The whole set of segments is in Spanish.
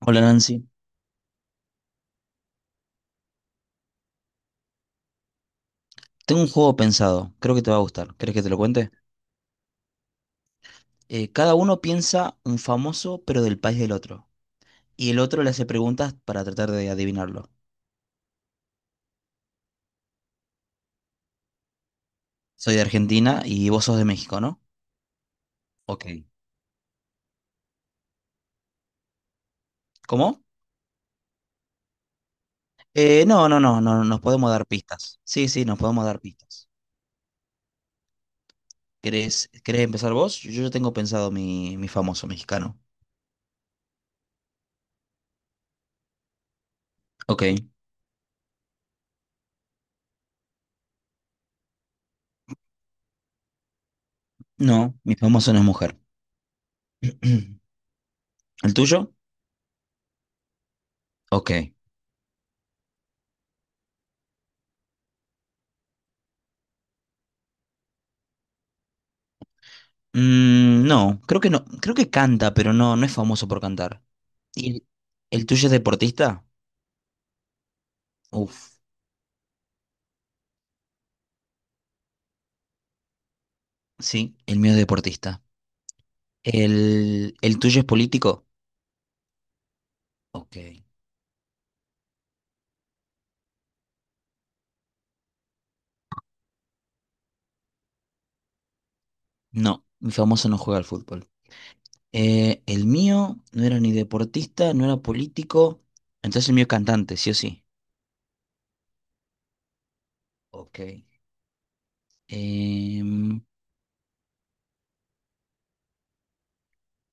Hola Nancy, tengo un juego pensado, creo que te va a gustar. ¿Querés que te lo cuente? Cada uno piensa un famoso, pero del país del otro. Y el otro le hace preguntas para tratar de adivinarlo. Soy de Argentina y vos sos de México, ¿no? Ok. ¿Cómo? No, no, no, no, nos podemos dar pistas. Sí, sí, nos podemos dar pistas. ¿Querés empezar vos? Yo ya tengo pensado mi famoso mexicano. Ok. No, mi famoso no es mujer. ¿El tuyo? Ok. Mm, no, creo que no, creo que canta, pero no, no es famoso por cantar. ¿Y el tuyo es deportista? Uf, sí, el mío es deportista. ¿ El tuyo es político? Ok. No, mi famoso no juega al fútbol. El mío no era ni deportista, no era político, entonces el mío es cantante, sí o sí. Ok. Em,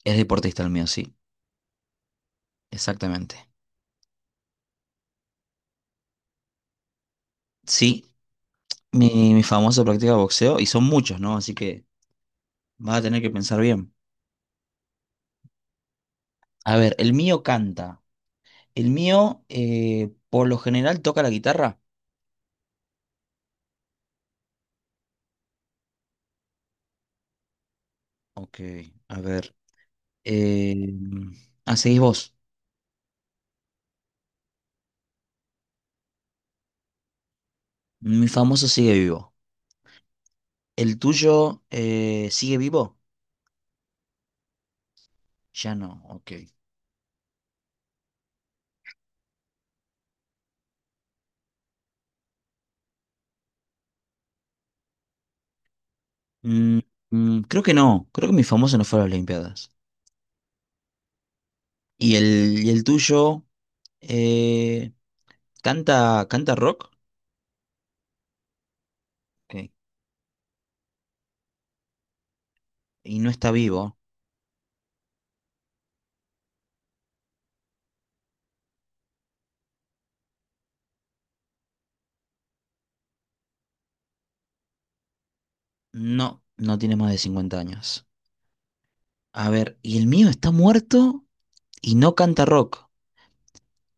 es deportista el mío, sí, exactamente. Sí, mi famoso practica boxeo y son muchos, ¿no? Así que vas a tener que pensar bien. A ver, el mío canta. El mío, por lo general, toca la guitarra. Ok, a ver. Eh, Seguís vos. Mi famoso sigue vivo. ¿El tuyo sigue vivo? Ya no, ok. Mm, Creo que no. Creo que mi famoso no fue a las Olimpiadas. ¿ Y el tuyo eh, canta rock? Ok. ¿Y no está vivo? No, no tiene más de 50 años. A ver, ¿y el mío está muerto y no canta rock?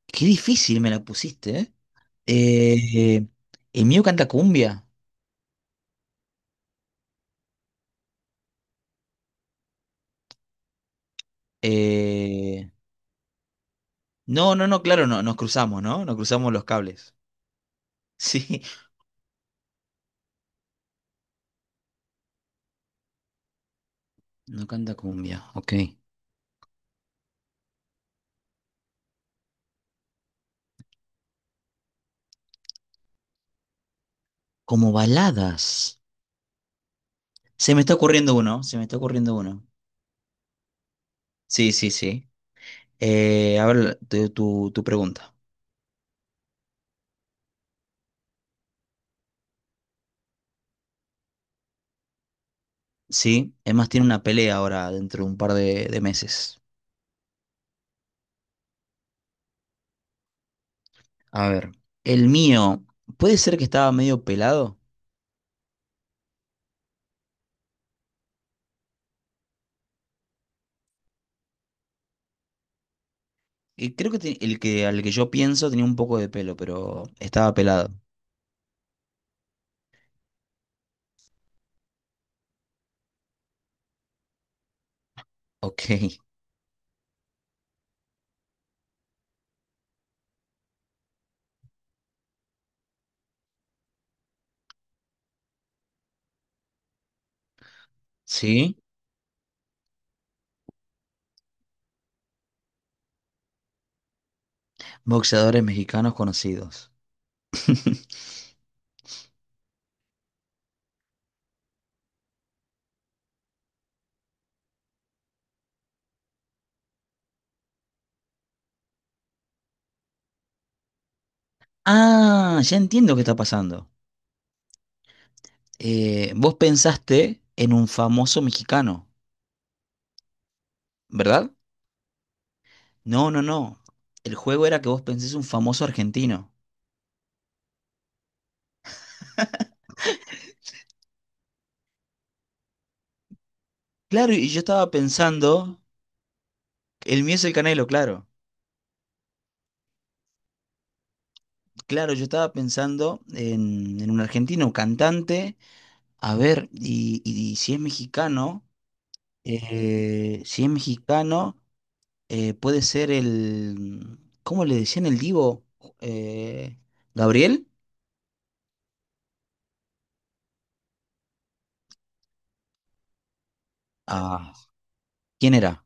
Qué difícil me la pusiste, ¿eh? Eh, eh, el mío canta cumbia. Eh, no, claro, nos cruzamos, ¿no? Nos cruzamos los cables. Sí, no canta cumbia, ok. Como baladas. Se me está ocurriendo uno, se me está ocurriendo uno. Sí, sí, sí. A ver, tu pregunta. Sí, es más, tiene una pelea ahora dentro de un par de meses. A ver, el mío, ¿puede ser que estaba medio pelado? Y creo que el que al que yo pienso tenía un poco de pelo, pero estaba pelado. Ok, sí. Boxeadores mexicanos conocidos. Ah, ya entiendo qué está pasando. Vos pensaste en un famoso mexicano, ¿verdad? No, no, no. El juego era que vos pensés un famoso argentino. Claro, y yo estaba pensando, el mío es el Canelo, claro. Claro, yo estaba pensando en un argentino, un cantante. A ver, y si es mexicano, si es mexicano, puede ser el... ¿Cómo le decían el divo? Eh, ¿Gabriel? Ah, ¿quién era?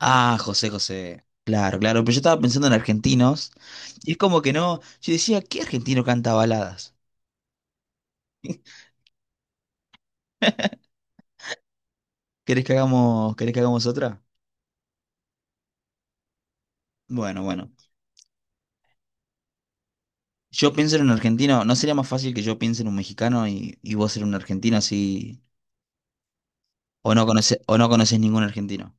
Ah, José José. Claro, claro, pero yo estaba pensando en argentinos. Y es como que no... Yo decía, ¿qué argentino canta baladas? ¿Querés que hagamos otra? Bueno, bueno. Yo pienso en un argentino. ¿No sería más fácil que yo piense en un mexicano y vos en un argentino así... o no conoces ningún argentino?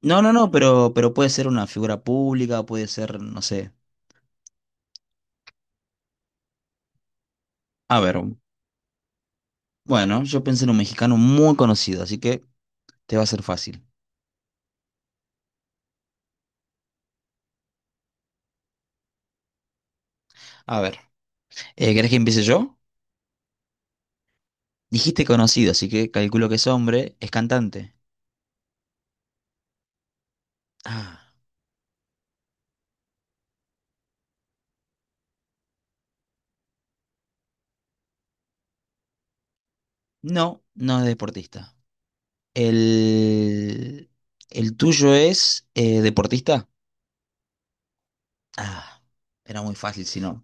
No, no, no, pero puede ser una figura pública, puede ser, no sé. A ver, bueno, yo pensé en un mexicano muy conocido, así que te va a ser fácil. A ver, ¿querés que empiece yo? Dijiste conocido, así que calculo que es hombre, es cantante. Ah, no, no es deportista. El, el tuyo es deportista. Ah, era muy fácil, si no.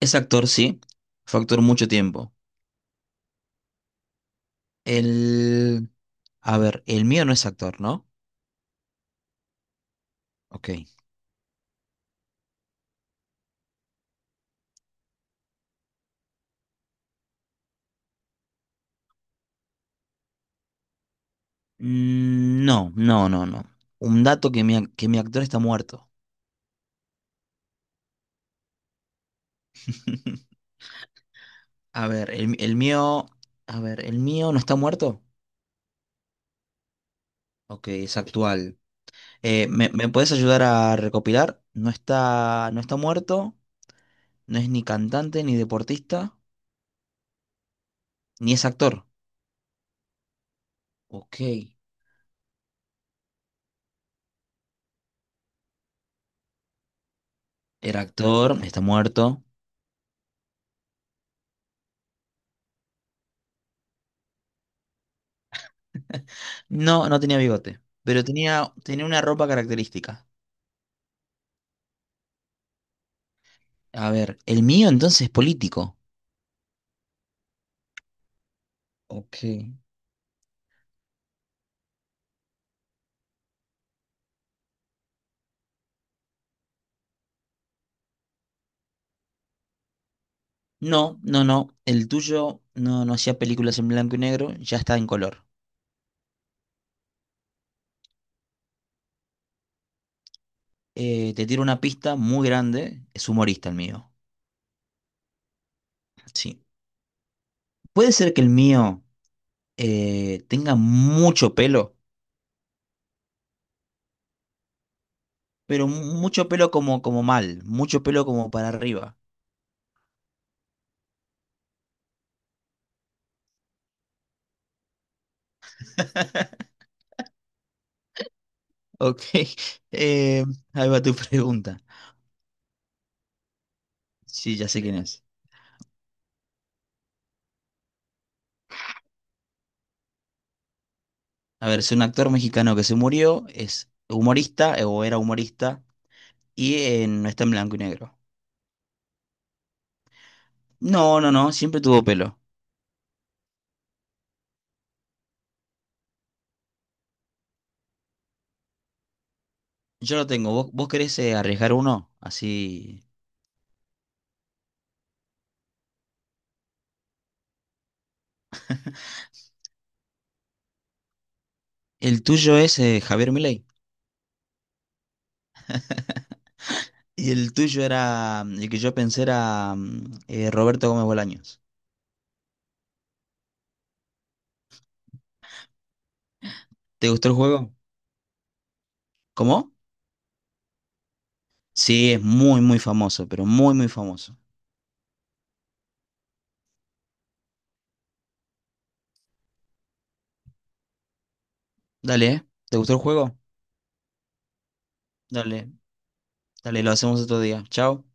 Es actor, sí. Fue actor mucho tiempo. El, a ver, el mío no es actor, ¿no? Ok. Mm, no, no, no, no. Un dato que que mi actor está muerto. A ver, el mío. A ver, ¿el mío no está muerto? Ok, es actual. ¿Me puedes ayudar a recopilar? No está muerto, no es ni cantante, ni deportista, ni es actor. Ok. Era actor, está muerto. No, no tenía bigote, pero tenía, tenía una ropa característica. A ver, ¿el mío entonces es político? Ok. No, no, no. El tuyo no, no hacía películas en blanco y negro, ya está en color. Te tiro una pista muy grande. Es humorista el mío. Sí. Puede ser que el mío tenga mucho pelo, pero mucho pelo como mucho pelo como para arriba. Ok. eh, Ahí va tu pregunta. Sí, ya sé quién es. A ver, es un actor mexicano que se murió, es humorista o era humorista y no está en blanco y negro. No, no, no, siempre tuvo pelo. Yo lo tengo. ¿Vos querés arriesgar uno? Así. El tuyo es Javier Milei. Y el tuyo era. Mm, el que yo pensé era Roberto Gómez Bolaños. ¿Te gustó el juego? ¿Cómo? Sí, es muy, muy famoso, pero muy, muy famoso. Dale, ¿eh? ¿Te gustó el juego? Dale, dale, lo hacemos otro día. Chao.